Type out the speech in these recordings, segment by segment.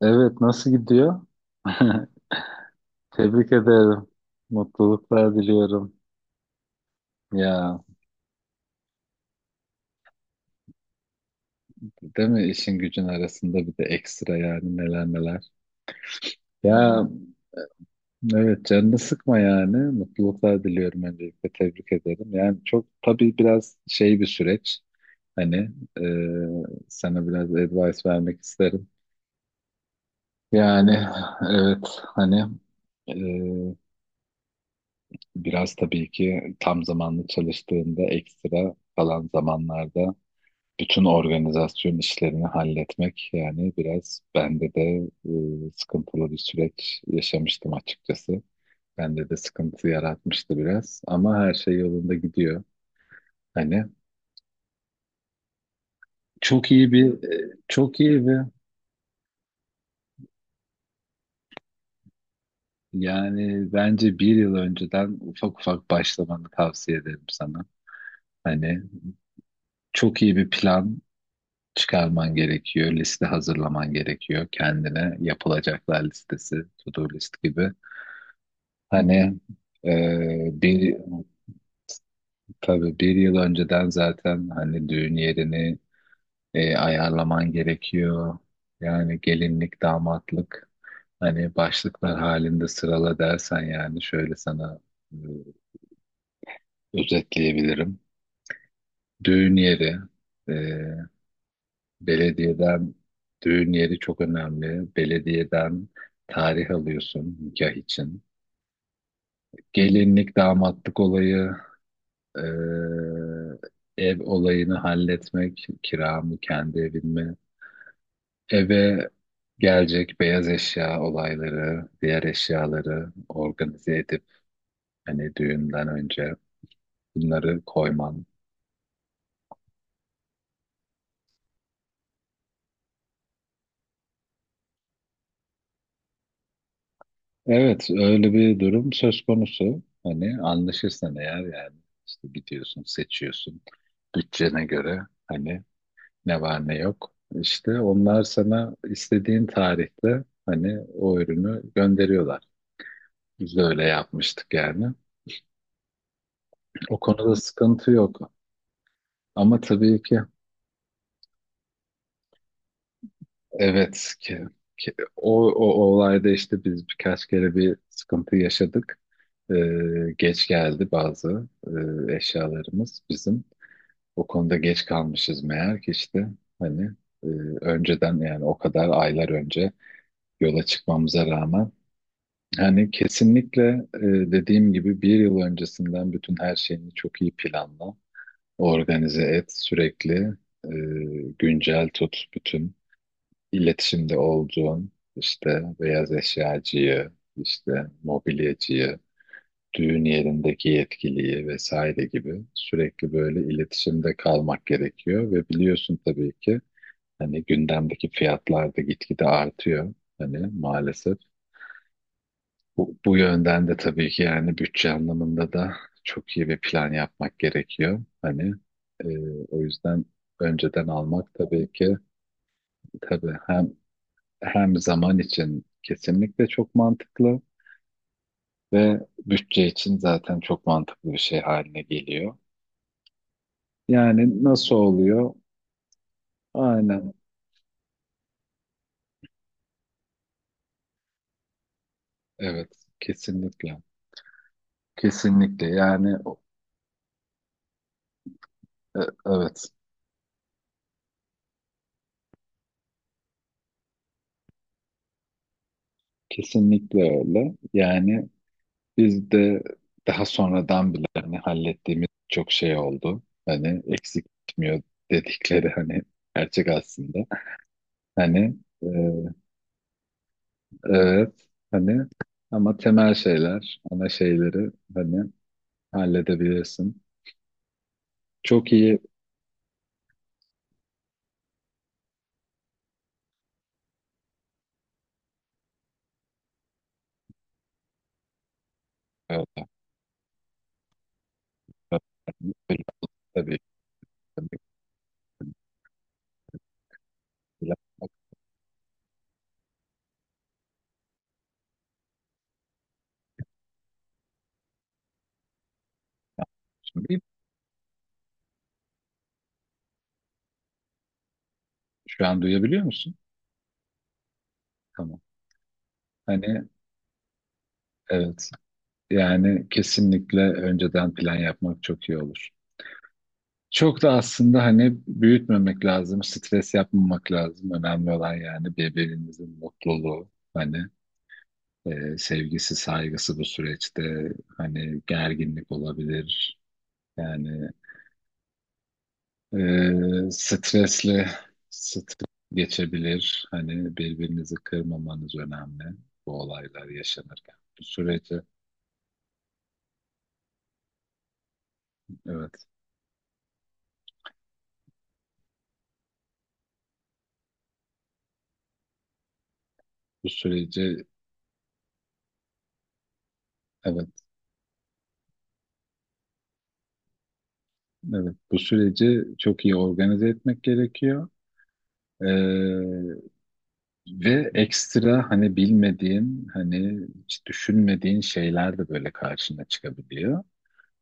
Evet, nasıl gidiyor? Tebrik ederim. Mutluluklar diliyorum. Ya, değil mi işin gücün arasında bir de ekstra yani neler neler. Ya, evet canını sıkma yani. Mutluluklar diliyorum, öncelikle tebrik ederim. Yani çok tabii biraz şey bir süreç. Hani e, Sana biraz advice vermek isterim. Yani evet hani e, Biraz tabii ki tam zamanlı çalıştığında ekstra kalan zamanlarda bütün organizasyon işlerini halletmek, yani biraz bende de sıkıntılı bir süreç yaşamıştım açıkçası. Bende de sıkıntı yaratmıştı biraz, ama her şey yolunda gidiyor. Hani çok iyi bir çok iyi bir, yani bence bir yıl önceden ufak ufak başlamanı tavsiye ederim sana. Hani çok iyi bir plan çıkarman gerekiyor, liste hazırlaman gerekiyor, kendine yapılacaklar listesi, to-do list gibi. Hani e, bir tabii bir yıl önceden zaten hani düğün yerini ayarlaman gerekiyor. Yani gelinlik, damatlık hani başlıklar halinde sırala dersen, yani şöyle sana e, özetleyebilirim. Düğün yeri e, belediyeden Düğün yeri çok önemli. Belediyeden tarih alıyorsun nikah için. Gelinlik, damatlık olayı, Ee, ev olayını halletmek, kira mı, kendi evin mi? Eve gelecek beyaz eşya olayları, diğer eşyaları organize edip hani düğünden önce bunları koyman. Evet, öyle bir durum söz konusu. Hani anlaşırsan eğer, yani işte gidiyorsun, seçiyorsun, bütçene göre hani ne var ne yok. İşte onlar sana istediğin tarihte hani o ürünü gönderiyorlar. Biz de öyle yapmıştık yani. O konuda sıkıntı yok. Ama tabii ki evet, ki o olayda işte biz birkaç kere bir sıkıntı yaşadık. Geç geldi bazı eşyalarımız bizim. O konuda geç kalmışız meğer ki, işte hani e, önceden, yani o kadar aylar önce yola çıkmamıza rağmen hani kesinlikle, e, dediğim gibi bir yıl öncesinden bütün her şeyini çok iyi planla. Organize et, sürekli e, güncel tut, bütün iletişimde olduğun işte beyaz eşyacıyı, işte mobilyacıyı, düğün yerindeki yetkiliyi vesaire gibi, sürekli böyle iletişimde kalmak gerekiyor. Ve biliyorsun tabii ki hani gündemdeki fiyatlar da gitgide artıyor. Hani maalesef bu yönden de tabii ki, yani bütçe anlamında da çok iyi bir plan yapmak gerekiyor. Hani e, o yüzden önceden almak tabii ki, tabii hem, hem zaman için kesinlikle çok mantıklı ve bütçe için zaten çok mantıklı bir şey haline geliyor. Yani nasıl oluyor? Aynen. Evet, kesinlikle. Kesinlikle yani e, evet. Kesinlikle öyle. Yani biz de daha sonradan bile hani hallettiğimiz çok şey oldu. Hani eksik gitmiyor dedikleri hani gerçek aslında. Hani e, evet hani, ama temel şeyler, ana şeyleri hani halledebilirsin. Çok iyi e, tabii ki. Şu an duyabiliyor musun? Tamam. Hani evet, yani kesinlikle önceden plan yapmak çok iyi olur. Çok da aslında hani büyütmemek lazım, stres yapmamak lazım. Önemli olan yani birbirinizin mutluluğu, hani sevgisi, saygısı bu süreçte. Hani gerginlik olabilir, yani e, stresli stres geçebilir. Hani birbirinizi kırmamanız önemli bu olaylar yaşanırken. Evet, bu süreci, evet, evet, bu süreci çok iyi organize etmek gerekiyor. Ee, Ve ekstra hani bilmediğin, hani hiç düşünmediğin şeyler de böyle karşına çıkabiliyor.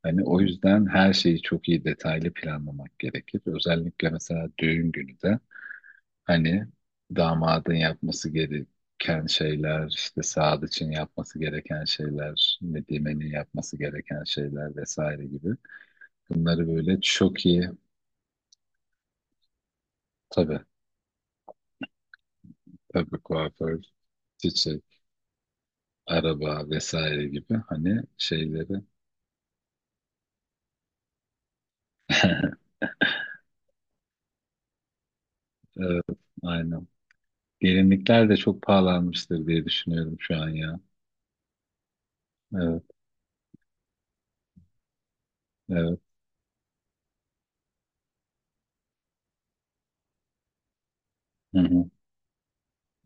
Hani o yüzden her şeyi çok iyi, detaylı planlamak gerekir. Özellikle mesela düğün günü de hani damadın yapması gereken şeyler, işte saat için yapması gereken şeyler, nedimenin yapması gereken şeyler vesaire gibi. Bunları böyle çok iyi, tabii, tabii kuaför, çiçek, araba vesaire gibi hani şeyleri. Evet, aynen. Gelinlikler de çok pahalanmıştır diye düşünüyorum şu an ya. Evet, evet. Hı hı,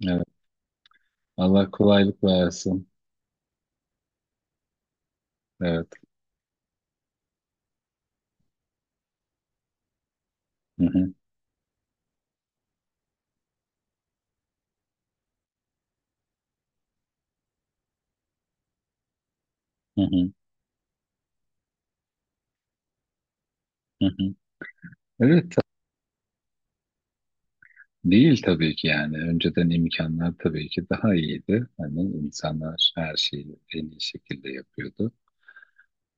evet. Allah kolaylık versin. Evet. Hı hı, hı hı, hı hı. Evet, ta- değil tabii ki yani. Önceden imkanlar tabii ki daha iyiydi. Hani insanlar her şeyi en iyi şekilde yapıyordu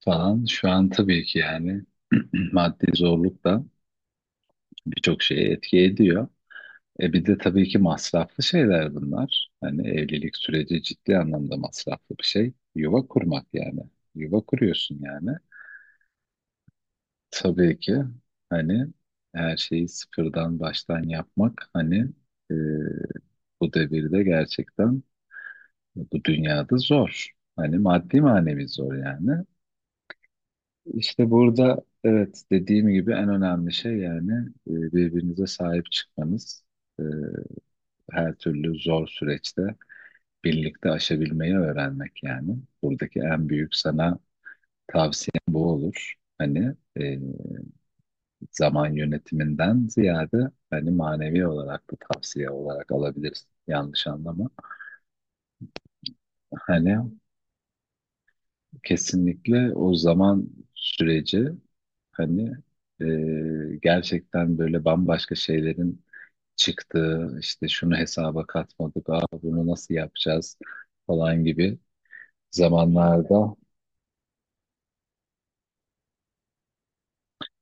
falan. Şu an tabii ki yani maddi zorluk da birçok şeye etki ediyor. E bir de tabii ki masraflı şeyler bunlar. Hani evlilik süreci ciddi anlamda masraflı bir şey. Yuva kurmak yani. Yuva kuruyorsun yani. Tabii ki hani her şeyi sıfırdan baştan yapmak hani e, bu devirde gerçekten bu dünyada zor. Hani maddi manevi zor yani. İşte burada, evet, dediğim gibi en önemli şey, yani birbirinize sahip çıkmanız. E, her türlü zor süreçte birlikte aşabilmeyi öğrenmek yani. Buradaki en büyük sana tavsiyem bu olur. Hani e, zaman yönetiminden ziyade hani manevi olarak da tavsiye olarak alabilirsin. Yanlış anlama. Hani kesinlikle o zaman süreci hani gerçekten böyle bambaşka şeylerin çıktığı, işte şunu hesaba katmadık, aa, bunu nasıl yapacağız falan gibi zamanlarda.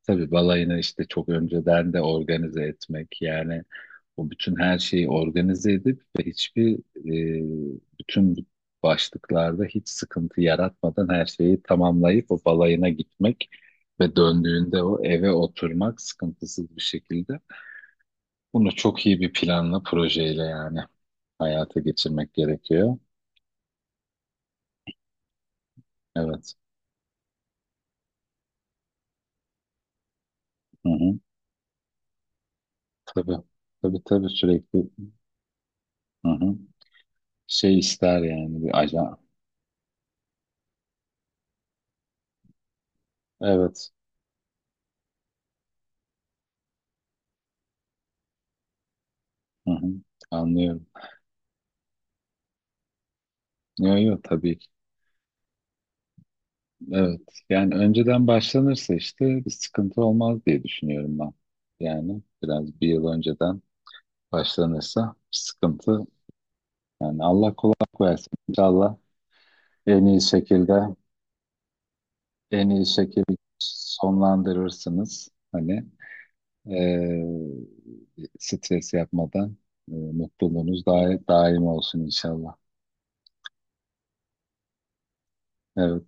Tabii balayını işte çok önceden de organize etmek, yani o bütün her şeyi organize edip ve hiçbir, bütün bu başlıklarda hiç sıkıntı yaratmadan her şeyi tamamlayıp o balayına gitmek ve döndüğünde o eve oturmak sıkıntısız bir şekilde. Bunu çok iyi bir planla, projeyle yani hayata geçirmek gerekiyor. Evet. Hı hı. Tabii. Tabii tabii, sürekli. Hı hı. Şey ister yani, bir ajan. Evet. Hı hı, anlıyorum. Yok yok, tabii ki. Evet. Yani önceden başlanırsa işte bir sıkıntı olmaz diye düşünüyorum ben. Yani biraz bir yıl önceden başlanırsa bir sıkıntı. Yani Allah kolaylık versin. İnşallah en iyi şekilde, en iyi şekilde sonlandırırsınız. Hani eee stres yapmadan, mutluluğunuz daim, daim olsun inşallah. Evet.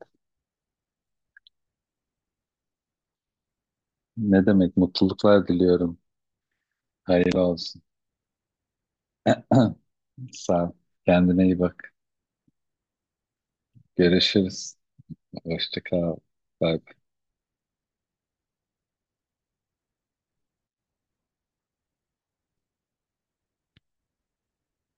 Ne demek, mutluluklar diliyorum. Hayırlı olsun. Sağ ol. Kendine iyi bak. Görüşürüz. Hoşça kal. Bye.